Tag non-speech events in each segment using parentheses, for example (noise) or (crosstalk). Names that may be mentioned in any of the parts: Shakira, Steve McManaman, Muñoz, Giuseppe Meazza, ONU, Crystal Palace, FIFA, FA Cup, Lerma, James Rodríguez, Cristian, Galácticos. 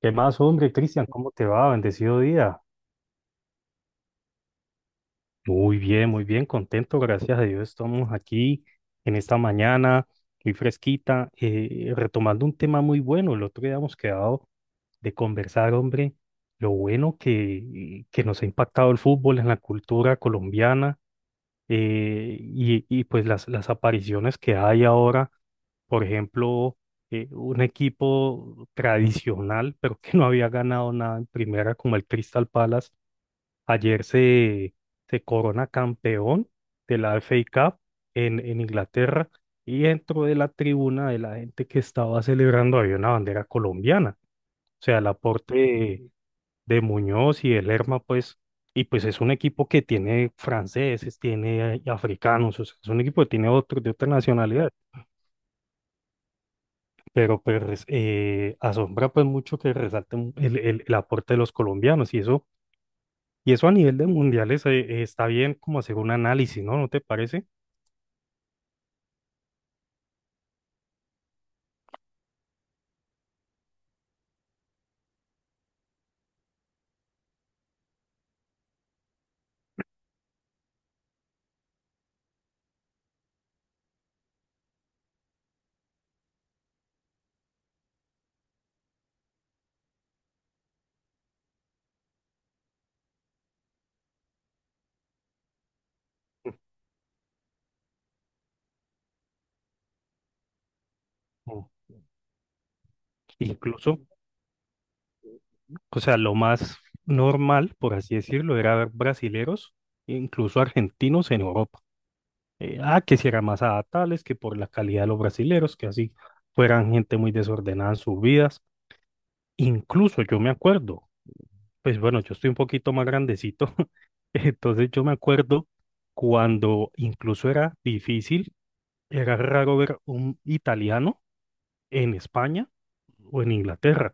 ¿Qué más, hombre, Cristian? ¿Cómo te va? Bendecido día. Muy bien, contento, gracias a Dios. Estamos aquí en esta mañana, muy fresquita, retomando un tema muy bueno. El otro día hemos quedado de conversar, hombre, lo bueno que nos ha impactado el fútbol en la cultura colombiana, y pues las apariciones que hay ahora. Por ejemplo, un equipo tradicional, pero que no había ganado nada en primera como el Crystal Palace. Ayer se corona campeón de la FA Cup en Inglaterra, y dentro de la tribuna de la gente que estaba celebrando había una bandera colombiana. O sea, el aporte de Muñoz y de Lerma, pues, y pues es un equipo que tiene franceses, tiene africanos. O sea, es un equipo que tiene otros de otra nacionalidad, pero pues, asombra pues mucho que resalten el aporte de los colombianos y eso. Y eso a nivel de mundiales, está bien como hacer un análisis, ¿no? ¿No te parece? O Incluso, o sea, lo más normal, por así decirlo, era ver brasileros, incluso argentinos en Europa. Que si era más adaptables, que por la calidad de los brasileros, que así fueran gente muy desordenada en sus vidas. Incluso yo me acuerdo, pues bueno, yo estoy un poquito más grandecito, (laughs) entonces yo me acuerdo cuando incluso era difícil, era raro ver un italiano en España o en Inglaterra.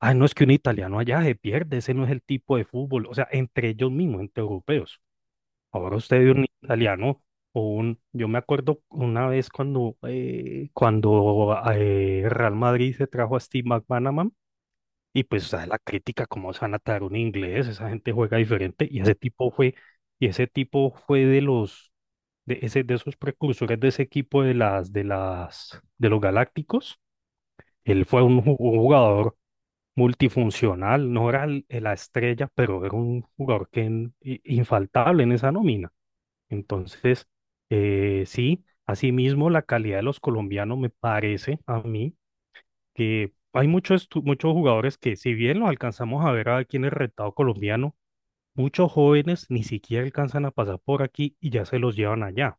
Ah, no, es que un italiano allá se pierde, ese no es el tipo de fútbol. O sea, entre ellos mismos, entre europeos. Ahora usted ve un italiano. Yo me acuerdo una vez cuando Real Madrid se trajo a Steve McManaman, y pues, o sea, la crítica, cómo se van a traer un inglés, esa gente juega diferente. Y ese tipo fue de esos precursores de ese equipo de los Galácticos. Él fue un jugador multifuncional. No era la estrella, pero era un jugador que infaltable en esa nómina. Entonces, sí, asimismo la calidad de los colombianos me parece a mí que hay muchos jugadores que, si bien los alcanzamos a ver aquí en el retado colombiano, muchos jóvenes ni siquiera alcanzan a pasar por aquí y ya se los llevan allá.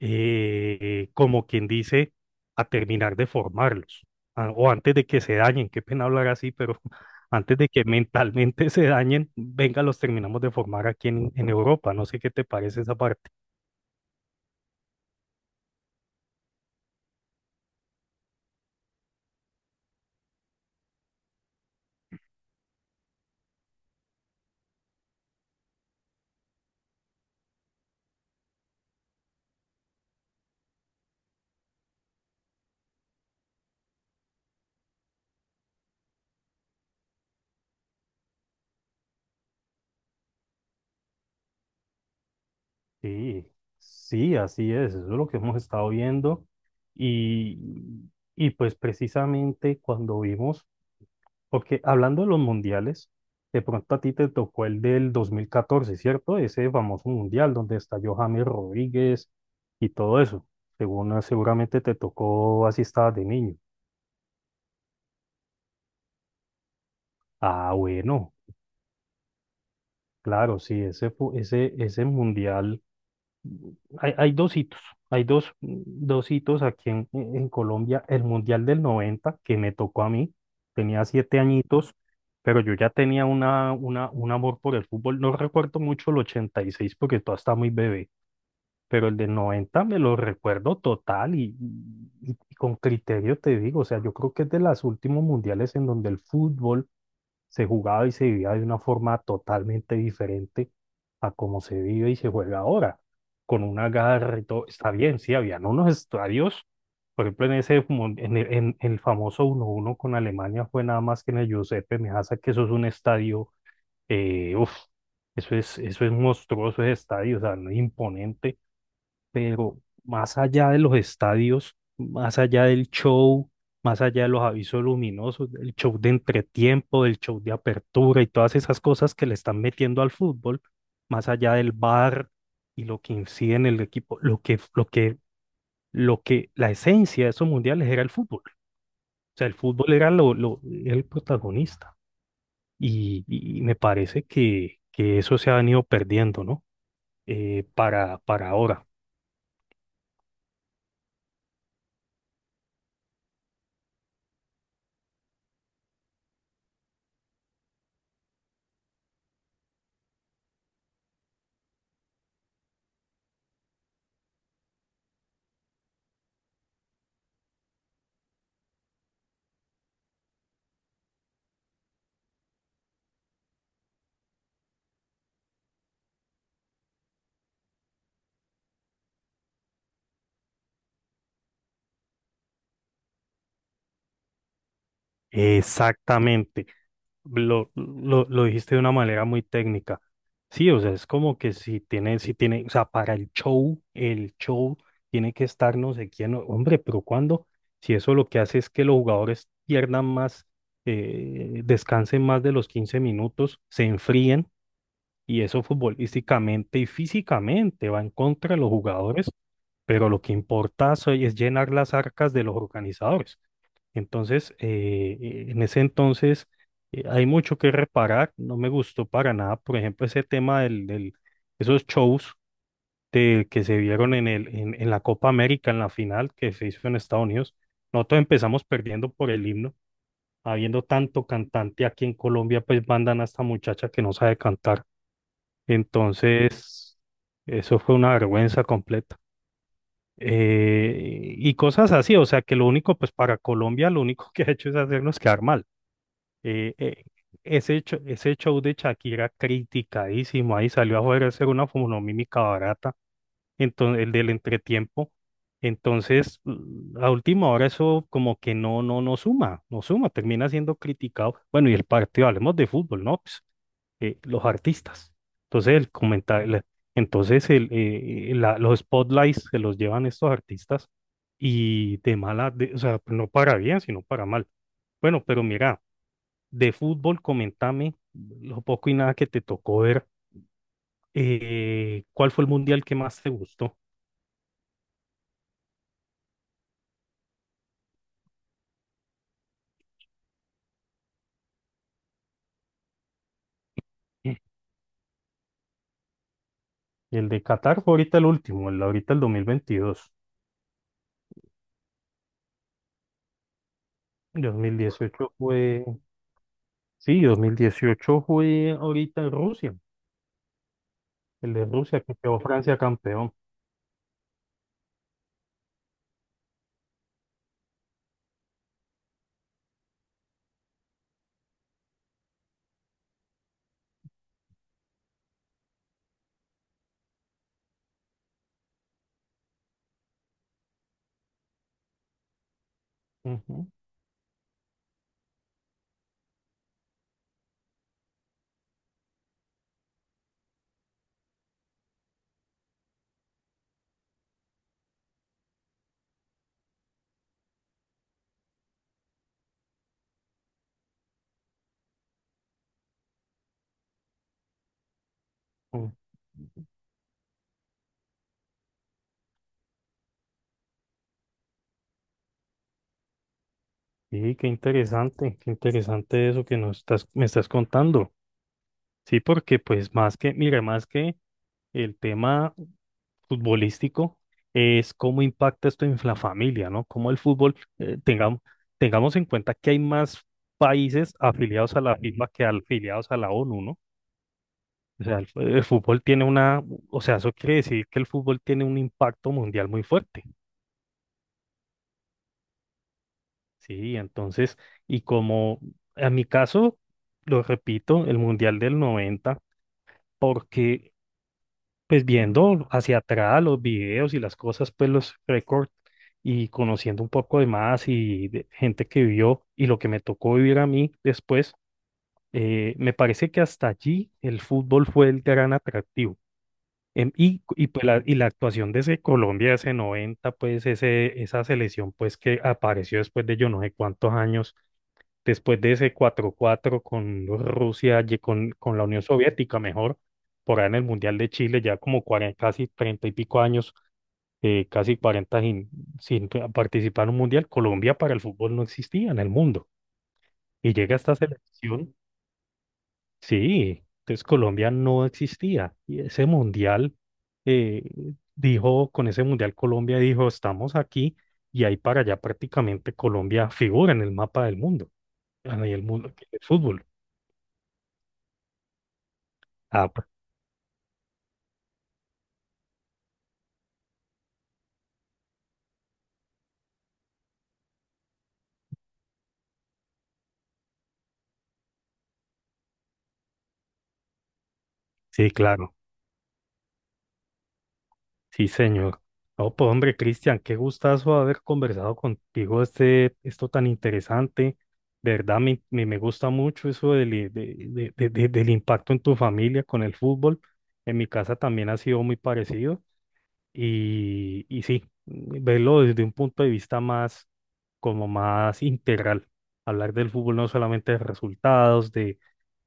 Como quien dice, a terminar de formarlos, o antes de que se dañen, qué pena hablar así, pero (laughs) antes de que mentalmente (laughs) se dañen, venga, los terminamos de formar aquí en Europa. No sé qué te parece esa parte. Sí, sí, así es. Eso es lo que hemos estado viendo, y pues precisamente cuando vimos. Porque hablando de los mundiales, de pronto a ti te tocó el del 2014, ¿cierto? Ese famoso mundial donde estalló James Rodríguez y todo eso. Según seguramente te tocó, así estabas de niño. Ah, bueno, claro, sí, ese mundial. Hay dos hitos, hay dos hitos aquí en Colombia. El Mundial del 90 que me tocó a mí, tenía 7 añitos, pero yo ya tenía un amor por el fútbol. No recuerdo mucho el 86 porque todavía está muy bebé, pero el del 90 me lo recuerdo total y con criterio te digo, o sea, yo creo que es de los últimos mundiales en donde el fútbol se jugaba y se vivía de una forma totalmente diferente a como se vive y se juega ahora, con una garra y todo. Está bien, sí, habían unos estadios. Por ejemplo, en ese, mon- en el famoso 1-1 con Alemania fue nada más que en el Giuseppe Meazza, que eso es un estadio. eh, uf, Eso es, eso es monstruoso ese estadio. O sea, no es imponente, pero más allá de los estadios, más allá del show, más allá de los avisos luminosos, del show de entretiempo, del show de apertura y todas esas cosas que le están metiendo al fútbol, más allá del bar y lo que incide en el equipo, la esencia de esos mundiales era el fútbol. O sea, el fútbol era el protagonista. Y me parece que eso se ha venido perdiendo, ¿no? Para ahora. Exactamente. Lo dijiste de una manera muy técnica. Sí, o sea, es como que si tiene, si tiene, o sea, para el show tiene que estar no sé quién, hombre, pero ¿cuándo? Si eso lo que hace es que los jugadores pierdan más, descansen más de los 15 minutos, se enfríen. Y eso futbolísticamente y físicamente va en contra de los jugadores, pero lo que importa es llenar las arcas de los organizadores. Entonces, en ese entonces, hay mucho que reparar. No me gustó para nada, por ejemplo, ese tema del esos shows que se vieron en la Copa América, en la final que se hizo en Estados Unidos. Nosotros empezamos perdiendo por el himno, habiendo tanto cantante aquí en Colombia, pues mandan a esta muchacha que no sabe cantar. Entonces, eso fue una vergüenza completa. Y cosas así, o sea, que lo único, pues, para Colombia lo único (laughs) que ha hecho es hacernos quedar mal. Eh, eh, ese hecho, ese show de Shakira criticadísimo, ahí salió a joder a hacer una fonomímica barata. Entonces, el del entretiempo. Entonces, a última hora eso como que no suma, termina siendo criticado. Bueno, y el partido, hablemos de fútbol, ¿no? Pues, los artistas. Entonces, el comentario, entonces el, los spotlights se los llevan estos artistas. Y de mala, o sea, no para bien, sino para mal. Bueno, pero mira, de fútbol, comentame lo poco y nada que te tocó ver. ¿Cuál fue el mundial que más te gustó? Y el de Qatar fue ahorita el último, el ahorita el 2022. Dos mil dieciocho fue, sí, 2018 fue ahorita en Rusia, el de Rusia que quedó Francia campeón. Ujú, ujú. Sí, qué interesante eso que nos estás, me estás contando. Sí, porque pues más que, mira, más que el tema futbolístico es cómo impacta esto en la familia, ¿no? Cómo el fútbol, tengamos en cuenta que hay más países afiliados a la FIFA que afiliados a la ONU, ¿no? O sea, el, el fútbol tiene una, o sea, eso quiere decir que el fútbol tiene un impacto mundial muy fuerte, ¿sí? Entonces, y como en mi caso, lo repito, el Mundial del noventa, porque pues viendo hacia atrás los videos y las cosas, pues los récords y conociendo un poco de más y de gente que vivió y lo que me tocó vivir a mí después, me parece que hasta allí el fútbol fue el gran atractivo. Pues la, y la actuación de ese Colombia, ese 90 pues ese, esa selección pues que apareció después de yo no sé cuántos años después de ese 4-4 con Rusia, con la Unión Soviética, mejor, por ahí en el Mundial de Chile, ya como 40 casi 30 y pico años, casi 40 sin participar en un Mundial. Colombia para el fútbol no existía en el mundo. Y llega esta selección, sí. Entonces Colombia no existía. Y ese Mundial, eh, dijo, con ese Mundial Colombia dijo, estamos aquí. Y ahí para allá prácticamente Colombia figura en el mapa del mundo, a nivel mundo, que es fútbol. Ah. Sí, claro. Sí, señor. Oh, pues hombre, Cristian, qué gustazo haber conversado contigo este, esto tan interesante. De verdad, me gusta mucho eso del, i- de- del impacto en tu familia con el fútbol. En mi casa también ha sido muy parecido. Y sí, verlo desde un punto de vista más, como más integral. Hablar del fútbol no solamente de resultados, de,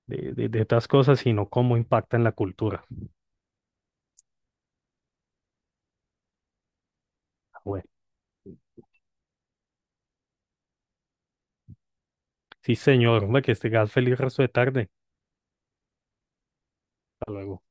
de, de, de otras cosas, sino cómo impacta en la cultura. Bueno. Sí, señor. Hombre, que esté feliz resto de tarde. Hasta luego.